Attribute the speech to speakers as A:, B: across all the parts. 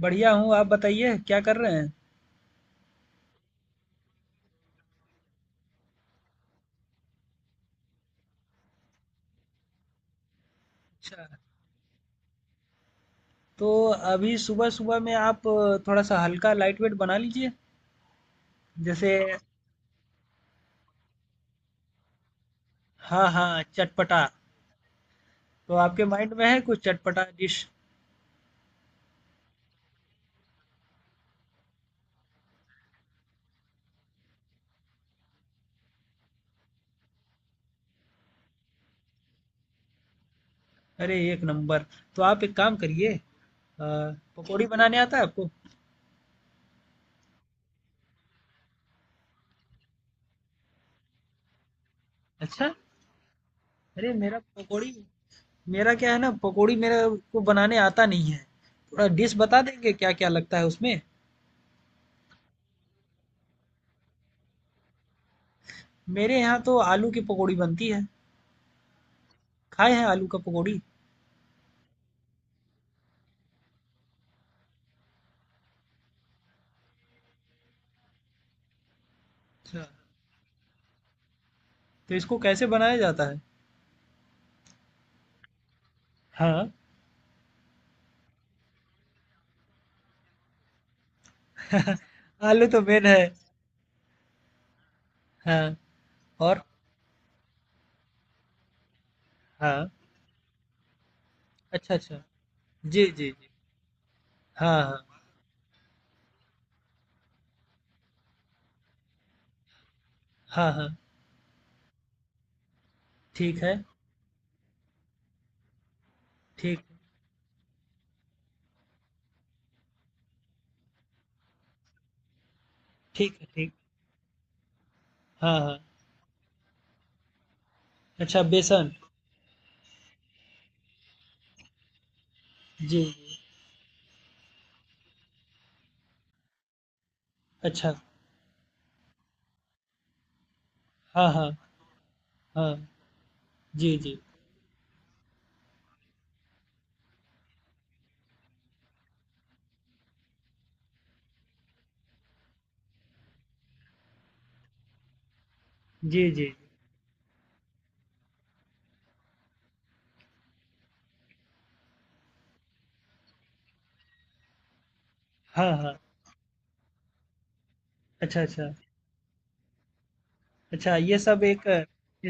A: बढ़िया हूँ, आप बताइए क्या कर रहे हैं? अच्छा, तो अभी सुबह-सुबह में आप थोड़ा-सा हल्का लाइट वेट बना लीजिए, जैसे हाँ, हाँ, चटपटा। तो आपके माइंड में है कुछ चटपटा डिश? अरे एक नंबर। तो आप एक काम करिए अ, पकौड़ी बनाने आता है आपको? अच्छा, अरे मेरा पकौड़ी मेरा क्या है ना पकौड़ी मेरे को बनाने आता नहीं है। थोड़ा डिश बता देंगे क्या-क्या लगता है उसमें? मेरे यहाँ तो आलू की पकौड़ी बनती है। खाए हैं आलू का पकौड़ी? अच्छा। तो इसको कैसे बनाया जाता है? हाँ, आलू तो मेन है। हाँ, और? हाँ। अच्छा, अच्छा। जी, जी, जी। हाँ, हाँ। हाँ, हाँ। ठीक है, ठीक है। ठीक है, ठीक। हाँ, हाँ। अच्छा बेसन। जी, जी। अच्छा। हाँ, हाँ। हाँ। जी, जी। जी, जी। हाँ, हाँ। अच्छा, अच्छा। अच्छा ये सब एक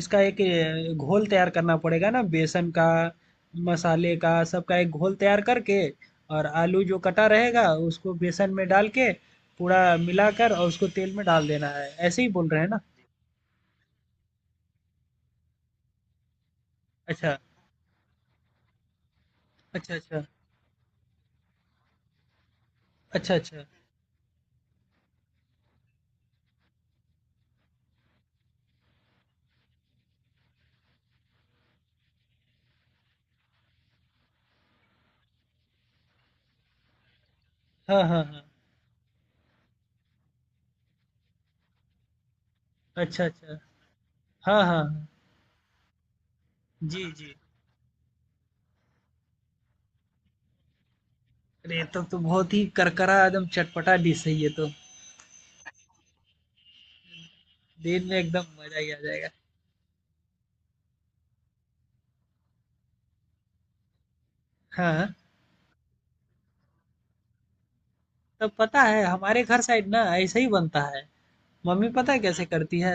A: इसका एक घोल तैयार करना पड़ेगा ना बेसन का मसाले का सबका एक घोल तैयार करके और आलू जो कटा रहेगा उसको बेसन में डाल के पूरा मिलाकर और उसको तेल में डाल देना है ऐसे ही बोल रहे हैं ना। अच्छा अच्छा। अच्छा अच्छा अच्छा। हाँ हाँ हाँ। अच्छा अच्छा। हाँ हाँ हाँ। जी जी। अरे तब तो बहुत ही करकरा एकदम चटपटा डिश है ये तो। दिन में एकदम मजा ही आ जाएगा। हाँ हाँ। तब पता है हमारे घर साइड ना ऐसे ही बनता है। मम्मी पता है कैसे करती है।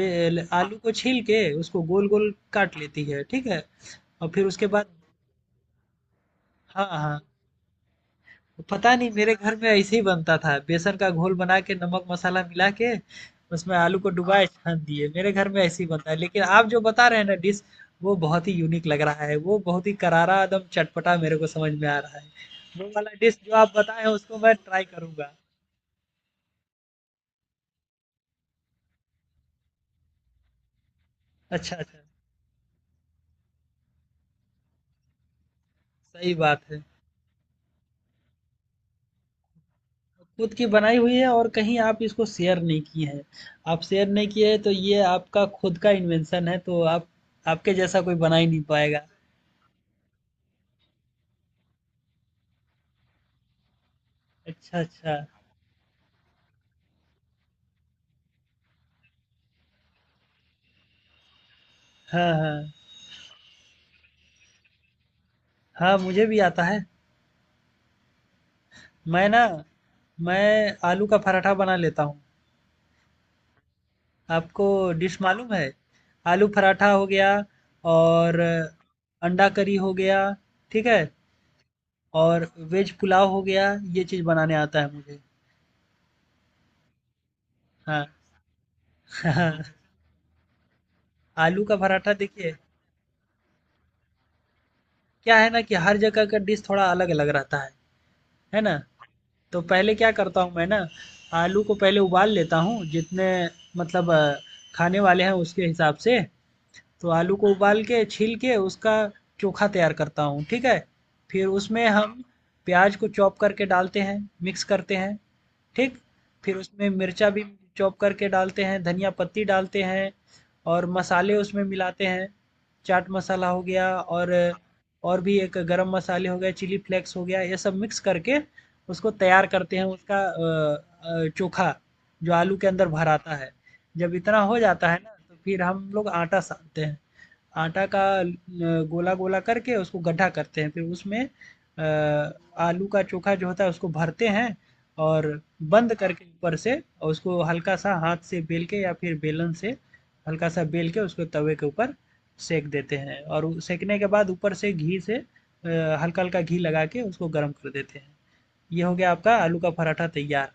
A: आलू को छील के उसको गोल गोल काट लेती है, ठीक है? और फिर उसके बाद हाँ हाँ पता नहीं मेरे घर में ऐसे ही बनता था। बेसन का घोल बना के नमक मसाला मिला के उसमें आलू को डुबाए छान दिए, मेरे घर में ऐसे ही बनता है। लेकिन आप जो बता रहे हैं ना डिश, वो बहुत ही यूनिक लग रहा है। वो बहुत ही करारा एकदम चटपटा मेरे को समझ में आ रहा है। वो वाला डिश जो आप बताए हैं उसको मैं ट्राई करूंगा। अच्छा अच्छा। सही बात है। खुद की बनाई हुई है और कहीं आप इसको शेयर नहीं किए हैं। आप शेयर नहीं किए हैं तो ये आपका खुद का इन्वेंशन है तो आप आपके जैसा कोई बना ही नहीं पाएगा। अच्छा, अच्छा। हाँ, हाँ। हाँ, मुझे भी आता है। मैं ना मैं आलू का पराठा बना लेता हूँ। आपको डिश मालूम है? आलू पराठा हो गया और अंडा करी हो गया, ठीक है? और वेज पुलाव हो गया, ये चीज़ बनाने आता है मुझे। हाँ, आलू का पराठा देखिए क्या है ना कि हर जगह का डिश थोड़ा अलग-अलग रहता है ना? तो पहले क्या करता हूँ मैं ना, आलू को पहले उबाल लेता हूँ, जितने मतलब खाने वाले हैं उसके हिसाब से। तो आलू को उबाल के छील के उसका चोखा तैयार करता हूँ, ठीक है? फिर उसमें हम प्याज को चॉप करके डालते हैं, मिक्स करते हैं, ठीक। फिर उसमें मिर्चा भी चॉप करके डालते हैं, धनिया पत्ती डालते हैं और मसाले उसमें मिलाते हैं। चाट मसाला हो गया और और भी एक गरम मसाले हो गया, चिली फ्लेक्स हो गया, ये सब मिक्स करके उसको तैयार करते हैं उसका चोखा जो आलू के अंदर भर आता है। जब इतना हो जाता है ना तो फिर हम लोग आटा सानते हैं। आटा का गोला गोला करके उसको गड्ढा करते हैं, फिर उसमें अ, आलू का चोखा जो होता है उसको भरते हैं और बंद करके ऊपर से और उसको हल्का सा हाथ से बेल के या फिर बेलन से हल्का सा बेल के उसको तवे के ऊपर सेक देते हैं और सेकने के बाद ऊपर से घी से हल्का हल्का घी लगा के उसको गर्म कर देते हैं। ये हो गया आपका आलू का पराठा तैयार।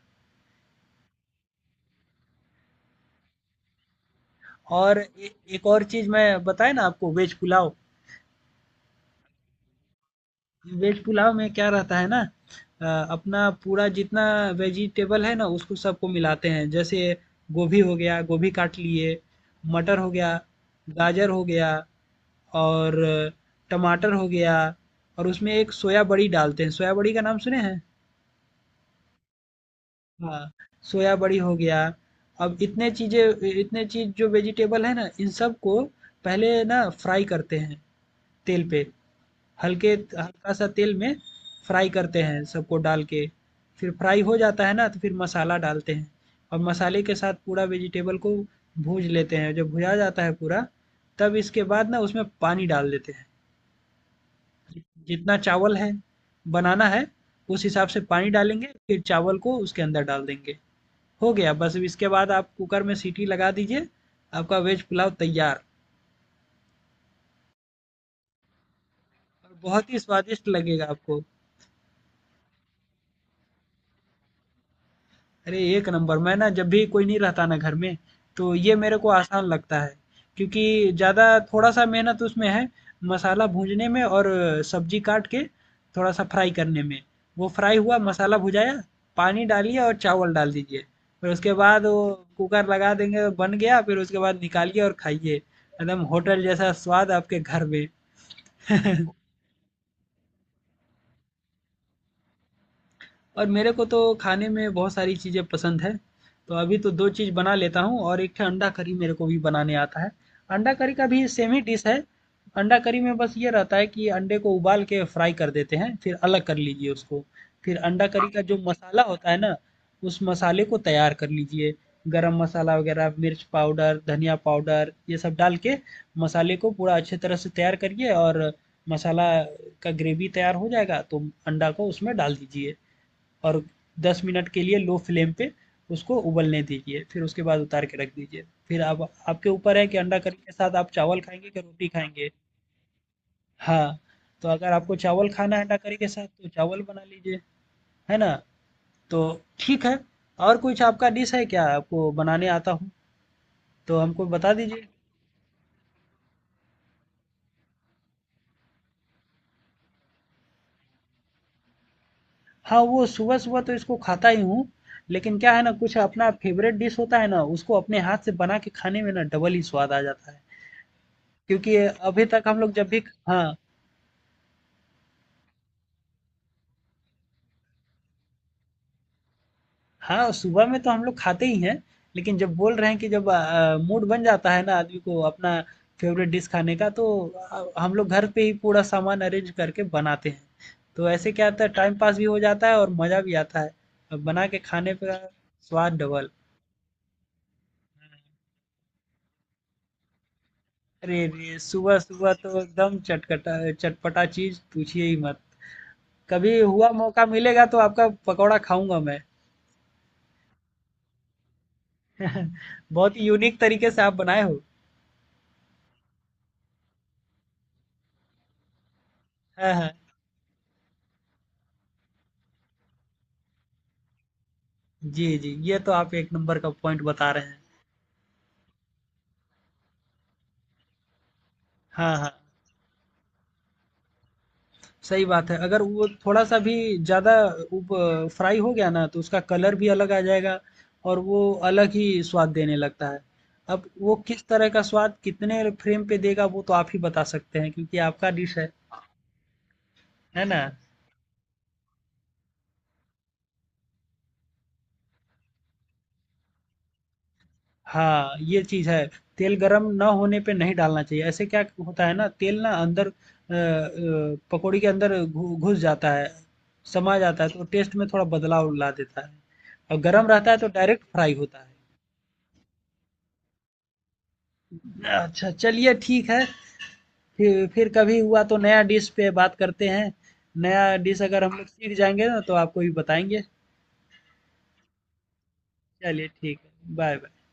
A: और ए एक और चीज़ मैं बताया ना आपको वेज पुलाव। वेज पुलाव में क्या रहता है ना अपना पूरा जितना वेजिटेबल है ना उसको सबको मिलाते हैं। जैसे गोभी हो गया, गोभी काट लिए, मटर हो गया, गाजर हो गया और टमाटर हो गया और उसमें एक सोया बड़ी डालते हैं। सोया बड़ी का नाम सुने हैं? हाँ, सोया बड़ी हो गया। अब इतने चीज़ें इतने चीज़ जो वेजिटेबल है ना इन सबको पहले ना फ्राई करते हैं तेल पे। हल्के हल्का-सा तेल में फ्राई करते हैं सबको डाल के। फिर फ्राई हो जाता है ना तो फिर मसाला डालते हैं और मसाले के साथ पूरा वेजिटेबल को भूँज लेते हैं। जब भुजा जाता है पूरा, तब इसके बाद ना उसमें पानी डाल देते हैं। जितना चावल है बनाना है, उस हिसाब से पानी डालेंगे, फिर चावल को उसके अंदर डाल देंगे। हो गया, बस अब इसके बाद आप कुकर में सीटी लगा दीजिए, आपका वेज पुलाव तैयार और बहुत ही स्वादिष्ट लगेगा आपको। अरे एक नंबर, मैं ना जब भी कोई नहीं रहता ना घर में तो ये मेरे को आसान लगता है क्योंकि ज़्यादा थोड़ा सा मेहनत उसमें है, मसाला भूनने में और सब्जी काट के थोड़ा सा फ्राई करने में। वो फ्राई हुआ, मसाला भुजाया, पानी डालिए और चावल डाल दीजिए, फिर उसके बाद वो कुकर लगा देंगे, बन गया। फिर उसके बाद निकालिए और खाइए, एकदम होटल जैसा स्वाद आपके घर में। और मेरे को तो खाने में बहुत सारी चीज़ें पसंद है। तो अभी तो 2 चीज़ बना लेता हूँ और एक ठे अंडा करी मेरे को भी बनाने आता है। अंडा करी का भी सेम ही डिश है। अंडा करी में बस ये रहता है कि अंडे को उबाल के फ्राई कर देते हैं, फिर अलग कर लीजिए उसको। फिर अंडा करी का जो मसाला होता है ना, उस मसाले को तैयार कर लीजिए। गरम मसाला वगैरह, मिर्च पाउडर, धनिया पाउडर ये सब डाल के मसाले को पूरा अच्छी तरह से तैयार करिए और मसाला का ग्रेवी तैयार हो जाएगा तो अंडा को उसमें डाल दीजिए। और 10 मिनट के लिए लो फ्लेम पे उसको उबलने दीजिए, फिर उसके बाद उतार के रख दीजिए। फिर आप आपके ऊपर है कि अंडा करी के साथ आप चावल खाएँगे कि रोटी खाएँगे? हाँ, तो अगर आपको चावल खाना है अंडा करी के साथ तो चावल बना लीजिए, है ना? तो ठीक है, और कुछ आपका डिश है क्या आपको बनाने आता हो, तो हमको बता दीजिए। हाँ, वो सुबह-सुबह तो इसको खाता ही हूँ, लेकिन क्या है ना कुछ अपना फ़ेवरेट डिश होता है ना, उसको अपने हाथ से बना के खाने में ना डबल ही स्वाद आ जाता है। क्योंकि अभी तक हम लोग जब भी ख हाँ। हाँ, सुबह में तो हम लोग खाते ही हैं, लेकिन जब बोल रहे हैं कि जब मूड बन जाता है ना आदमी को अपना फेवरेट डिश खाने का तो हम लोग घर पे ही पूरा सामान अरेंज करके बनाते हैं। तो ऐसे क्या होता है, टाइम पास भी हो जाता है और मज़ा भी आता है। अब बना के खाने का स्वाद डबल। अरे रे! सुबह-सुबह तो एकदम चटकटा चटपटा चीज़ पूछिए ही मत। कभी हुआ मौका मिलेगा तो आपका पकौड़ा खाऊँगा मैं। बहुत ही यूनिक तरीके से आप बनाए हो। हाँ, हाँ। जी, जी। ये तो आप एक नंबर का पॉइंट बता रहे हैं। हाँ, हाँ। सही बात है। अगर वो थोड़ा-सा भी ज़्यादा उब फ्राई हो गया ना, तो उसका कलर भी अलग आ जाएगा और वो अलग ही स्वाद देने लगता है। अब वो किस तरह का स्वाद कितने फ्लेम पे देगा वो तो आप ही बता सकते हैं क्योंकि आपका डिश है। है ना? हाँ, ये चीज़ है। तेल गरम ना होने पे नहीं डालना चाहिए। ऐसे क्या होता है ना तेल ना अंदर पकौड़ी के अंदर घु घुस जाता है, समा जाता है तो टेस्ट में थोड़ा बदलाव ला देता है। और गरम रहता है तो डायरेक्ट फ्राई होता है। अच्छा चलिए ठीक है। फिर कभी हुआ तो नया डिश पे बात करते हैं। नया डिश अगर हम लोग सीख जाएँगे ना तो आपको भी बताएँगे। चलिए ठीक है। बाय-बाय।